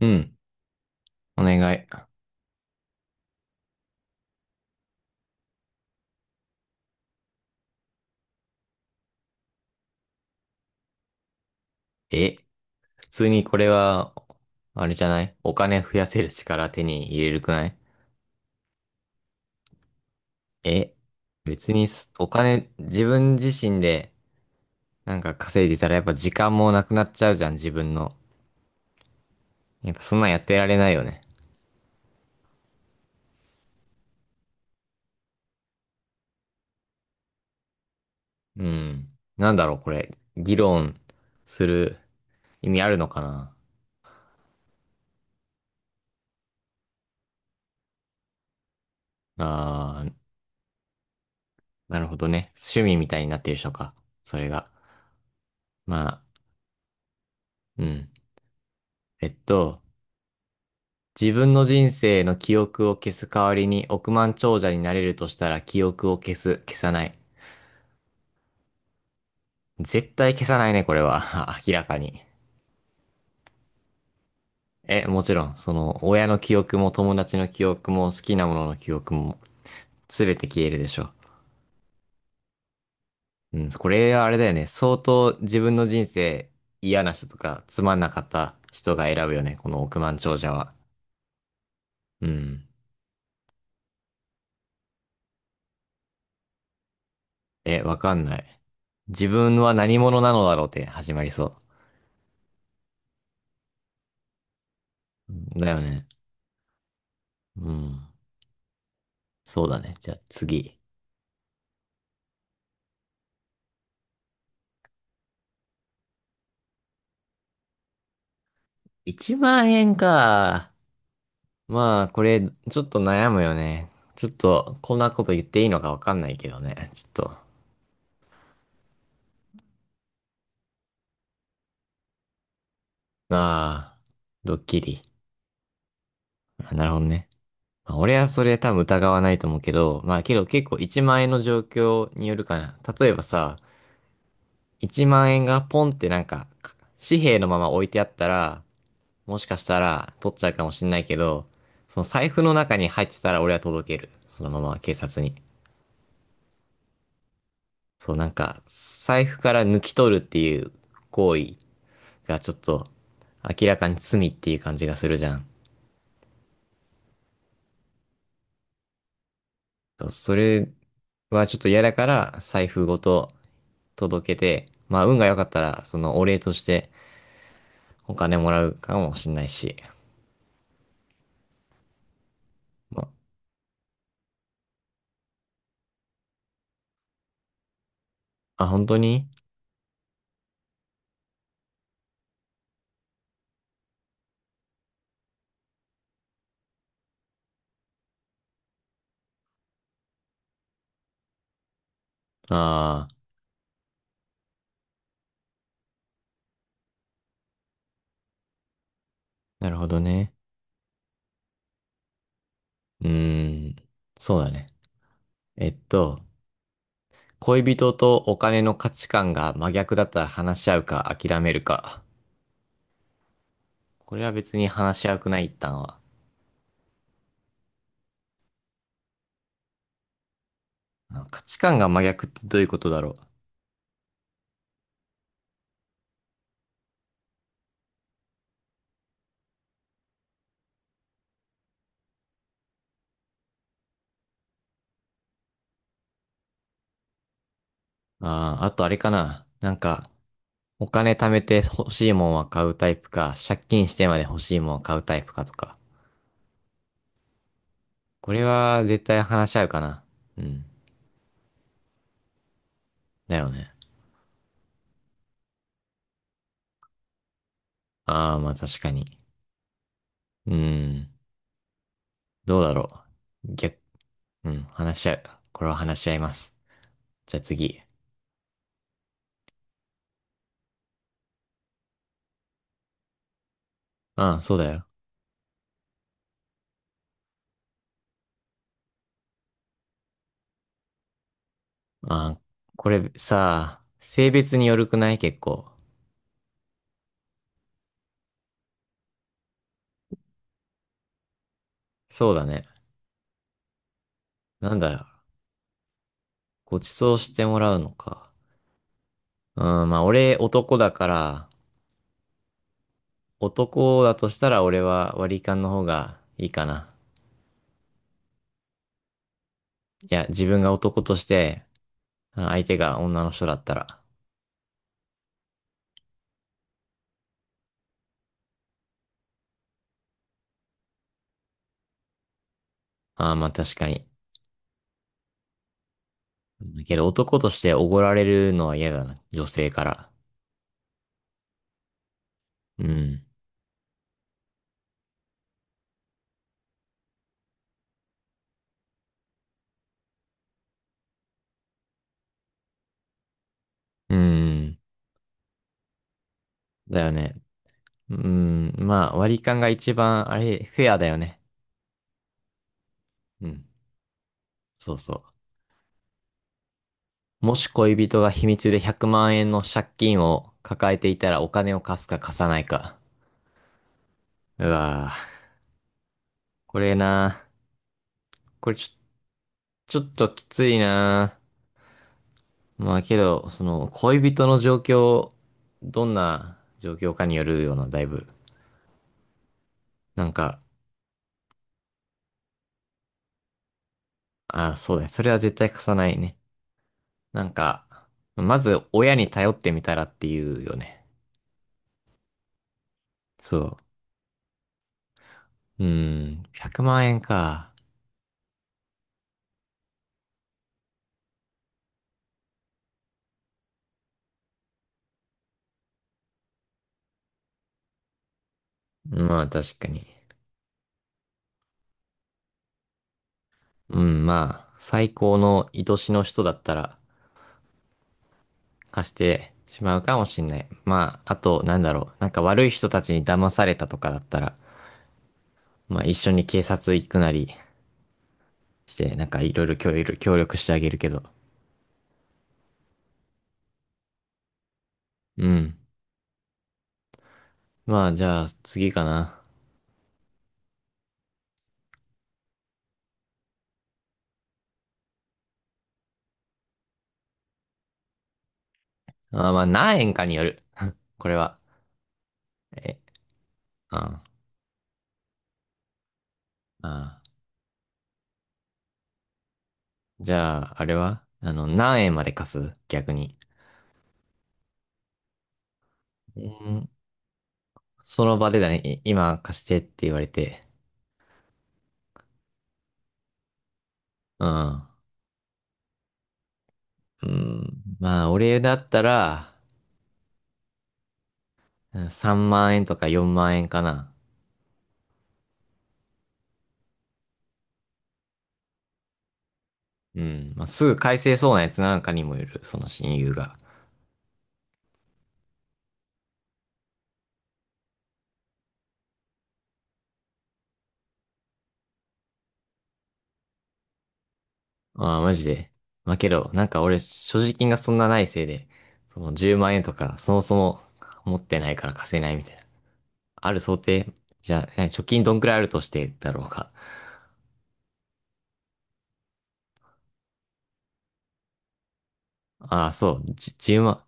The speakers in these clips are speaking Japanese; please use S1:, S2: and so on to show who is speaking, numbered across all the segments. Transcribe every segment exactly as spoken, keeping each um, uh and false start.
S1: うん、お願い。え、普通にこれは、あれじゃないお金増やせる力手に入れるくない？え、別にすお金、自分自身でなんか稼いでたらやっぱ時間もなくなっちゃうじゃん、自分の。やっぱそんなんやってられないよね。うん。なんだろう、これ。議論する意味あるのかな。あー、なるほどね。趣味みたいになってる人か。それが。まあ、うん。えっと、自分の人生の記憶を消す代わりに億万長者になれるとしたら記憶を消す、消さない。絶対消さないね、これは。明らかに。え、もちろん、その、親の記憶も友達の記憶も好きなものの記憶も、すべて消えるでしょ。うん、これはあれだよね。相当自分の人生嫌な人とかつまんなかった人が選ぶよね。この億万長者は。うん。え、わかんない。自分は何者なのだろうって始まりそう。うんだよね。うん。そうだね。じゃあ次。いちまん円か。まあ、これ、ちょっと悩むよね。ちょっと、こんなこと言っていいのかわかんないけどね。ちょっと、ああ、ドッキリ。まあなるほどね。まあ、俺はそれ多分疑わないと思うけど、まあ、けど結構いちまん円の状況によるかな。例えばさ、いちまん円がポンってなんか、か紙幣のまま置いてあったら、もしかしたら取っちゃうかもしんないけど、その財布の中に入ってたら俺は届ける。そのまま警察に。そう、なんか、財布から抜き取るっていう行為がちょっと明らかに罪っていう感じがするじゃん。そうそれはちょっと嫌だから財布ごと届けて、まあ運が良かったらそのお礼としてお金もらうかもしんないし。まあ、本当に、ああー、なるほどね。うーん、そうだね。えっと、恋人とお金の価値観が真逆だったら話し合うか諦めるか。これは別に話し合うくない、一旦は。あ価値観が真逆ってどういうことだろう。ああ、あとあれかな。なんか、お金貯めて欲しいもんは買うタイプか、借金してまで欲しいもんは買うタイプかとか。これは絶対話し合うかな。うん。だよね。ああ、まあ確かに。うん。どうだろう。逆、うん、話し合う。これは話し合います。じゃあ次。ああ、そうだよ。ああ、これさ、性別によるくない結構。そうだね。なんだよ。ご馳走してもらうのか。うん、まあ俺男だから、男だとしたら俺は割り勘の方がいいかな。いや、自分が男として、あ相手が女の人だったら。ああ、まあ確かに。だけど男としておごられるのは嫌だな。女性から。うん。うん。だよね。うん。まあ割り勘が一番、あれ、フェアだよね。うん。そうそう。もし恋人が秘密でひゃくまん円の借金を抱えていたらお金を貸すか貸さないか。うわぁ、これな。これちょ、ちょっときついなぁ。まあけど、その、恋人の状況、どんな状況かによるような、だいぶ。なんか、あ、そうだね。それは絶対貸さないね。なんか、まず親に頼ってみたらっていうよね。そう。うん、ひゃくまん円か。まあ確かに。うん、まあ、最高の愛しの人だったら貸してしまうかもしんない。まあ、あと、なんだろう。なんか悪い人たちに騙されたとかだったら、まあ一緒に警察行くなりして、なんかいろいろ協力協力してあげるけど。うん。まあじゃあ次かな。あーまあ何円かによる。これは。え、あーあー。じゃあ、あれはあの、何円まで貸す逆に。うん、その場でだね。い今貸してって言われて。うん。うん。まあ俺だったら、うんさんまん円とかよんまん円かな。うん。まあすぐ返せそうなやつなんかにもよる。その親友が。ああ、マジで。まあけど、なんか俺、所持金がそんなないせいで、そのじゅうまん円とか、そもそも持ってないから貸せないみたいな。ある想定、じゃあ、え貯金どんくらいあるとしてだろうか。ああ、そう、じじゅうまん。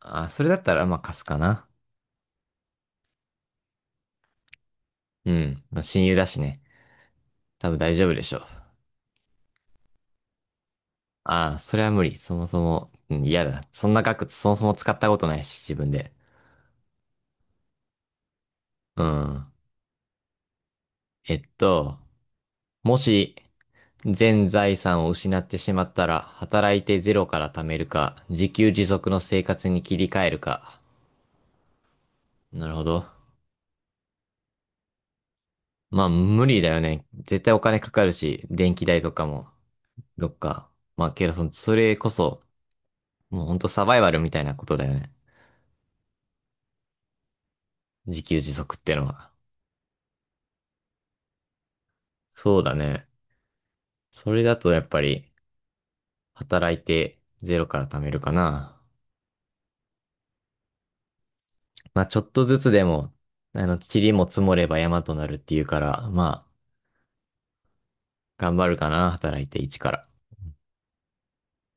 S1: ああ、それだったらまあ貸すかな。うん。まあ親友だしね。多分大丈夫でしょう。ああ、それは無理。そもそも、うん、嫌だ。そんな額、そもそも使ったことないし、自分で。うん。えっと、もし、全財産を失ってしまったら、働いてゼロから貯めるか、自給自足の生活に切り替えるか。なるほど。まあ、無理だよね。絶対お金かかるし、電気代とかも、どっか。まあ、けどそ、それこそ、もうほんとサバイバルみたいなことだよね。自給自足ってのは。そうだね。それだとやっぱり、働いてゼロから貯めるかな。まあ、ちょっとずつでも、あの、塵も積もれば山となるっていうから、まあ、頑張るかな、働いて一から。